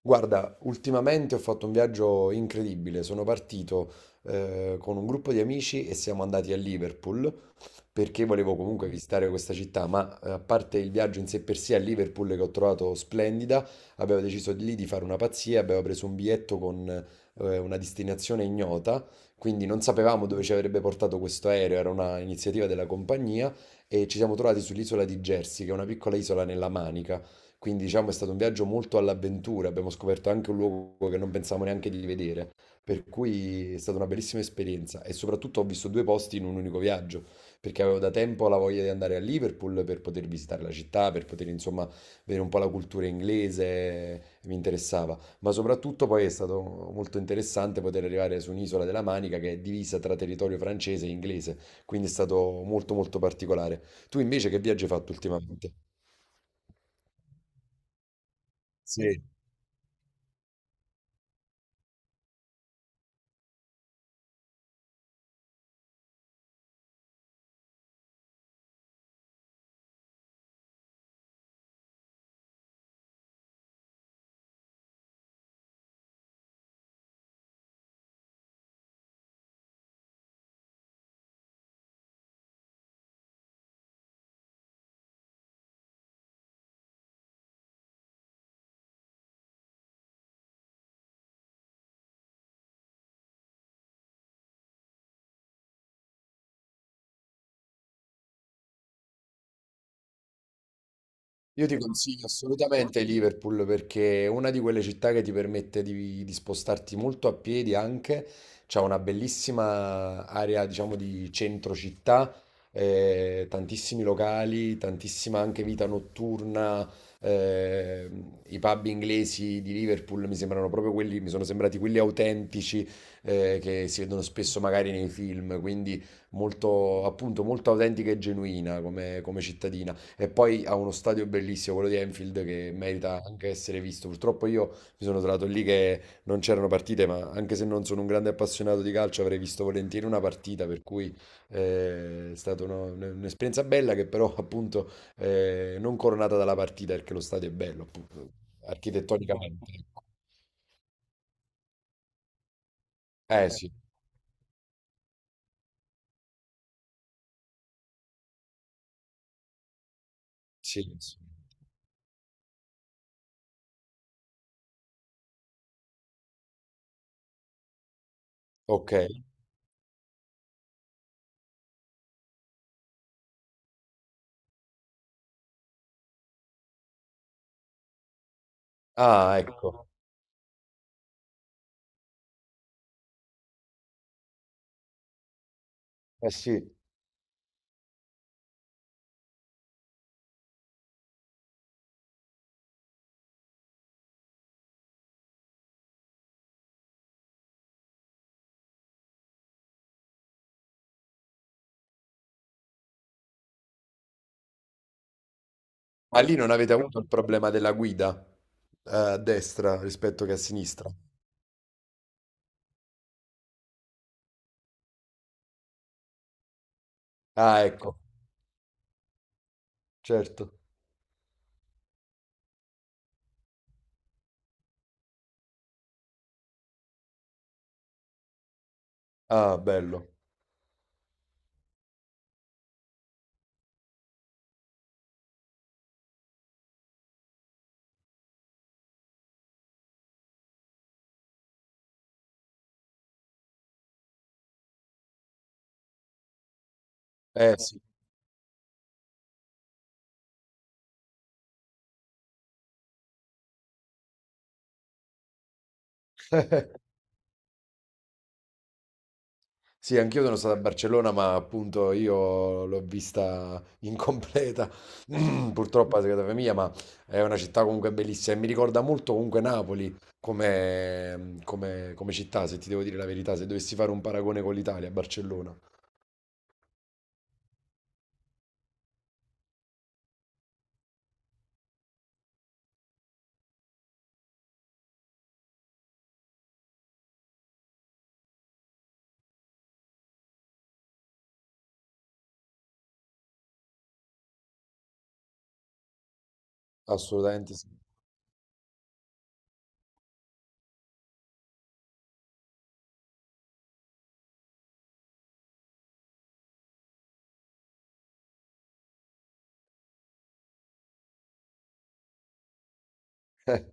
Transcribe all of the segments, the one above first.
Guarda, ultimamente ho fatto un viaggio incredibile. Sono partito con un gruppo di amici e siamo andati a Liverpool perché volevo comunque visitare questa città, ma a parte il viaggio in sé per sé a Liverpool che ho trovato splendida, abbiamo deciso di lì di fare una pazzia, abbiamo preso un biglietto con una destinazione ignota, quindi non sapevamo dove ci avrebbe portato questo aereo, era una iniziativa della compagnia e ci siamo trovati sull'isola di Jersey, che è una piccola isola nella Manica. Quindi diciamo è stato un viaggio molto all'avventura, abbiamo scoperto anche un luogo che non pensavamo neanche di vedere, per cui è stata una bellissima esperienza e soprattutto ho visto due posti in un unico viaggio, perché avevo da tempo la voglia di andare a Liverpool per poter visitare la città, per poter insomma vedere un po' la cultura inglese, mi interessava, ma soprattutto poi è stato molto interessante poter arrivare su un'isola della Manica che è divisa tra territorio francese e inglese, quindi è stato molto molto particolare. Tu invece che viaggio hai fatto ultimamente? Sì. Io ti consiglio assolutamente Liverpool perché è una di quelle città che ti permette di spostarti molto a piedi anche, c'è una bellissima area diciamo di centro città, tantissimi locali, tantissima anche vita notturna, eh, i pub inglesi di Liverpool mi sembrano proprio quelli, mi sono sembrati quelli autentici che si vedono spesso magari nei film, quindi molto appunto molto autentica e genuina come cittadina. E poi ha uno stadio bellissimo, quello di Anfield, che merita anche essere visto. Purtroppo io mi sono trovato lì che non c'erano partite, ma anche se non sono un grande appassionato di calcio, avrei visto volentieri una partita, per cui è stata un'esperienza bella che però appunto non coronata dalla partita, perché lo stadio è bello, appunto, architettonicamente, ecco. Eh sì, sì, sì. Ok. Ah, ecco. Eh sì. Ma lì non avete avuto il problema della guida a destra rispetto che a sinistra? Ah, ecco, certo. Ah, bello. Eh sì, sì, anch'io sono stato a Barcellona, ma appunto io l'ho vista incompleta, purtroppo a casa mia, ma è una città comunque bellissima e mi ricorda molto comunque Napoli come, mm, come- come città, se ti devo dire la verità, se dovessi fare un paragone con l'Italia, Barcellona, assolutamente sì.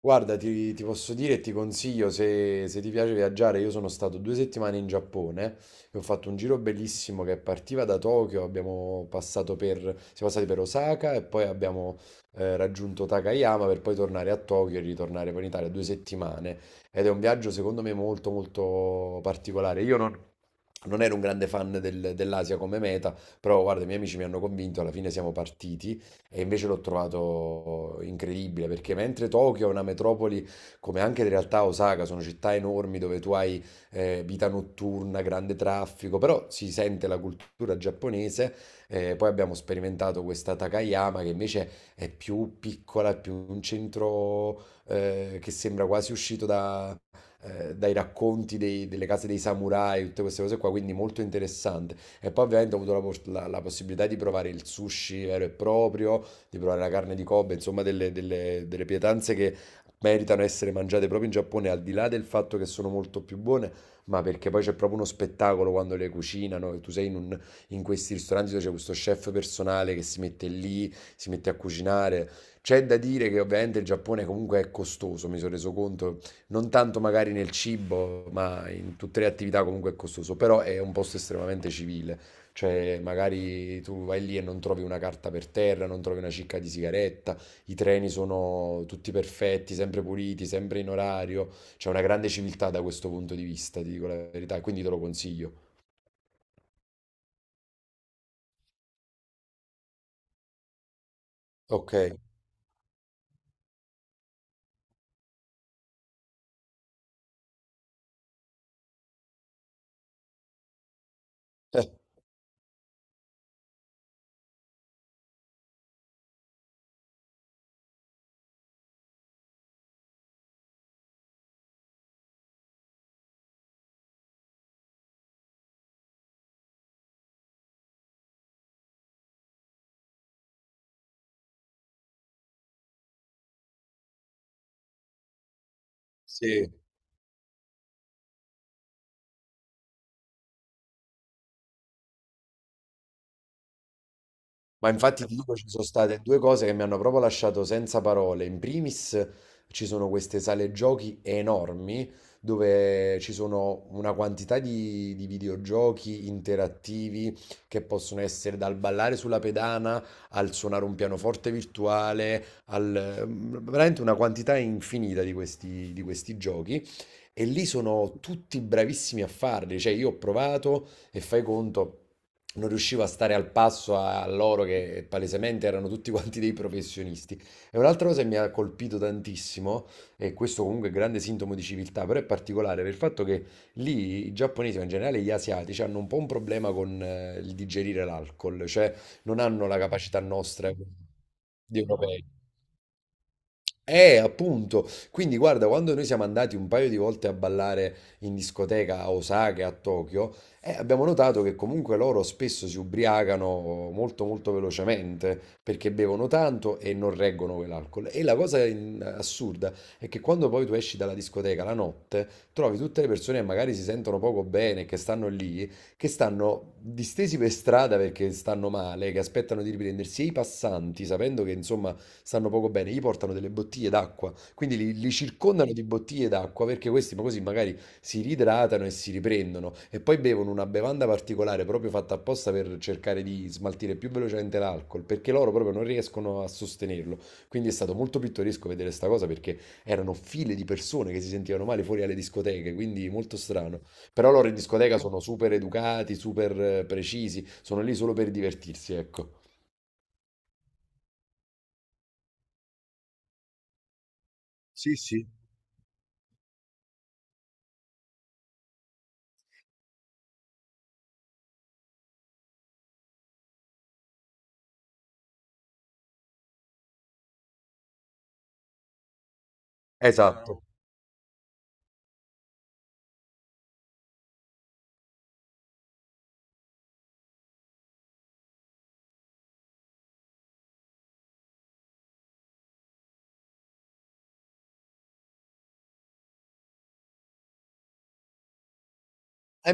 Guarda, ti posso dire e ti consiglio se ti piace viaggiare. Io sono stato 2 settimane in Giappone e ho fatto un giro bellissimo che partiva da Tokyo. Abbiamo passato per, siamo passati per Osaka e poi abbiamo raggiunto Takayama per poi tornare a Tokyo e ritornare poi in Italia 2 settimane. Ed è un viaggio secondo me molto molto particolare. Io non ero un grande fan dell'Asia come meta, però guarda, i miei amici mi hanno convinto. Alla fine siamo partiti. E invece l'ho trovato incredibile perché mentre Tokyo è una metropoli, come anche in realtà Osaka, sono città enormi dove tu hai vita notturna, grande traffico, però si sente la cultura giapponese. Poi abbiamo sperimentato questa Takayama che invece è più piccola, è più un centro che sembra quasi uscito dai racconti delle case dei samurai, tutte queste cose qua, quindi molto interessante. E poi ovviamente ho avuto la possibilità di provare il sushi vero e proprio, di provare la carne di Kobe, insomma delle pietanze che meritano essere mangiate proprio in Giappone, al di là del fatto che sono molto più buone, ma perché poi c'è proprio uno spettacolo quando le cucinano, e tu sei in questi ristoranti dove c'è questo chef personale che si mette lì, si mette a cucinare. C'è da dire che ovviamente il Giappone comunque è costoso, mi sono reso conto, non tanto magari nel cibo, ma in tutte le attività comunque è costoso, però è un posto estremamente civile, cioè magari tu vai lì e non trovi una carta per terra, non trovi una cicca di sigaretta, i treni sono tutti perfetti, sempre puliti, sempre in orario, c'è una grande civiltà da questo punto di vista, ti dico la verità, e quindi te lo consiglio. Ok, Eh, sì. Ma infatti ti dico, ci sono state due cose che mi hanno proprio lasciato senza parole. In primis ci sono queste sale giochi enormi dove ci sono una quantità di videogiochi interattivi che possono essere dal ballare sulla pedana al suonare un pianoforte virtuale, al, mm, veramente una quantità infinita di questi giochi. E lì sono tutti bravissimi a farli, cioè io ho provato e fai conto, non riuscivo a stare al passo a loro che palesemente erano tutti quanti dei professionisti. E un'altra cosa che mi ha colpito tantissimo, e questo comunque è grande sintomo di civiltà, però è particolare per il fatto che lì i giapponesi, ma in generale gli asiatici, hanno un po' un problema con il digerire l'alcol, cioè non hanno la capacità nostra di europei. Appunto. Quindi guarda, quando noi siamo andati un paio di volte a ballare in discoteca a Osaka e a Tokyo, abbiamo notato che comunque loro spesso si ubriacano molto molto velocemente perché bevono tanto e non reggono quell'alcol. E la cosa in- assurda è che quando poi tu esci dalla discoteca la notte, trovi tutte le persone che magari si sentono poco bene, che stanno lì, che stanno distesi per strada perché stanno male, che aspettano di riprendersi e i passanti, sapendo che insomma stanno poco bene, gli portano delle bottiglie d'acqua, quindi li circondano di bottiglie d'acqua perché questi ma così magari si riidratano e si riprendono e poi bevono una bevanda particolare proprio fatta apposta per cercare di smaltire più velocemente l'alcol, perché loro proprio non riescono a sostenerlo. Quindi è stato molto pittoresco vedere sta cosa perché erano file di persone che si sentivano male fuori alle discoteche, quindi molto strano. Però loro in discoteca sono super educati, super precisi, sono lì solo per divertirsi, ecco. Sì, sì. Esatto. E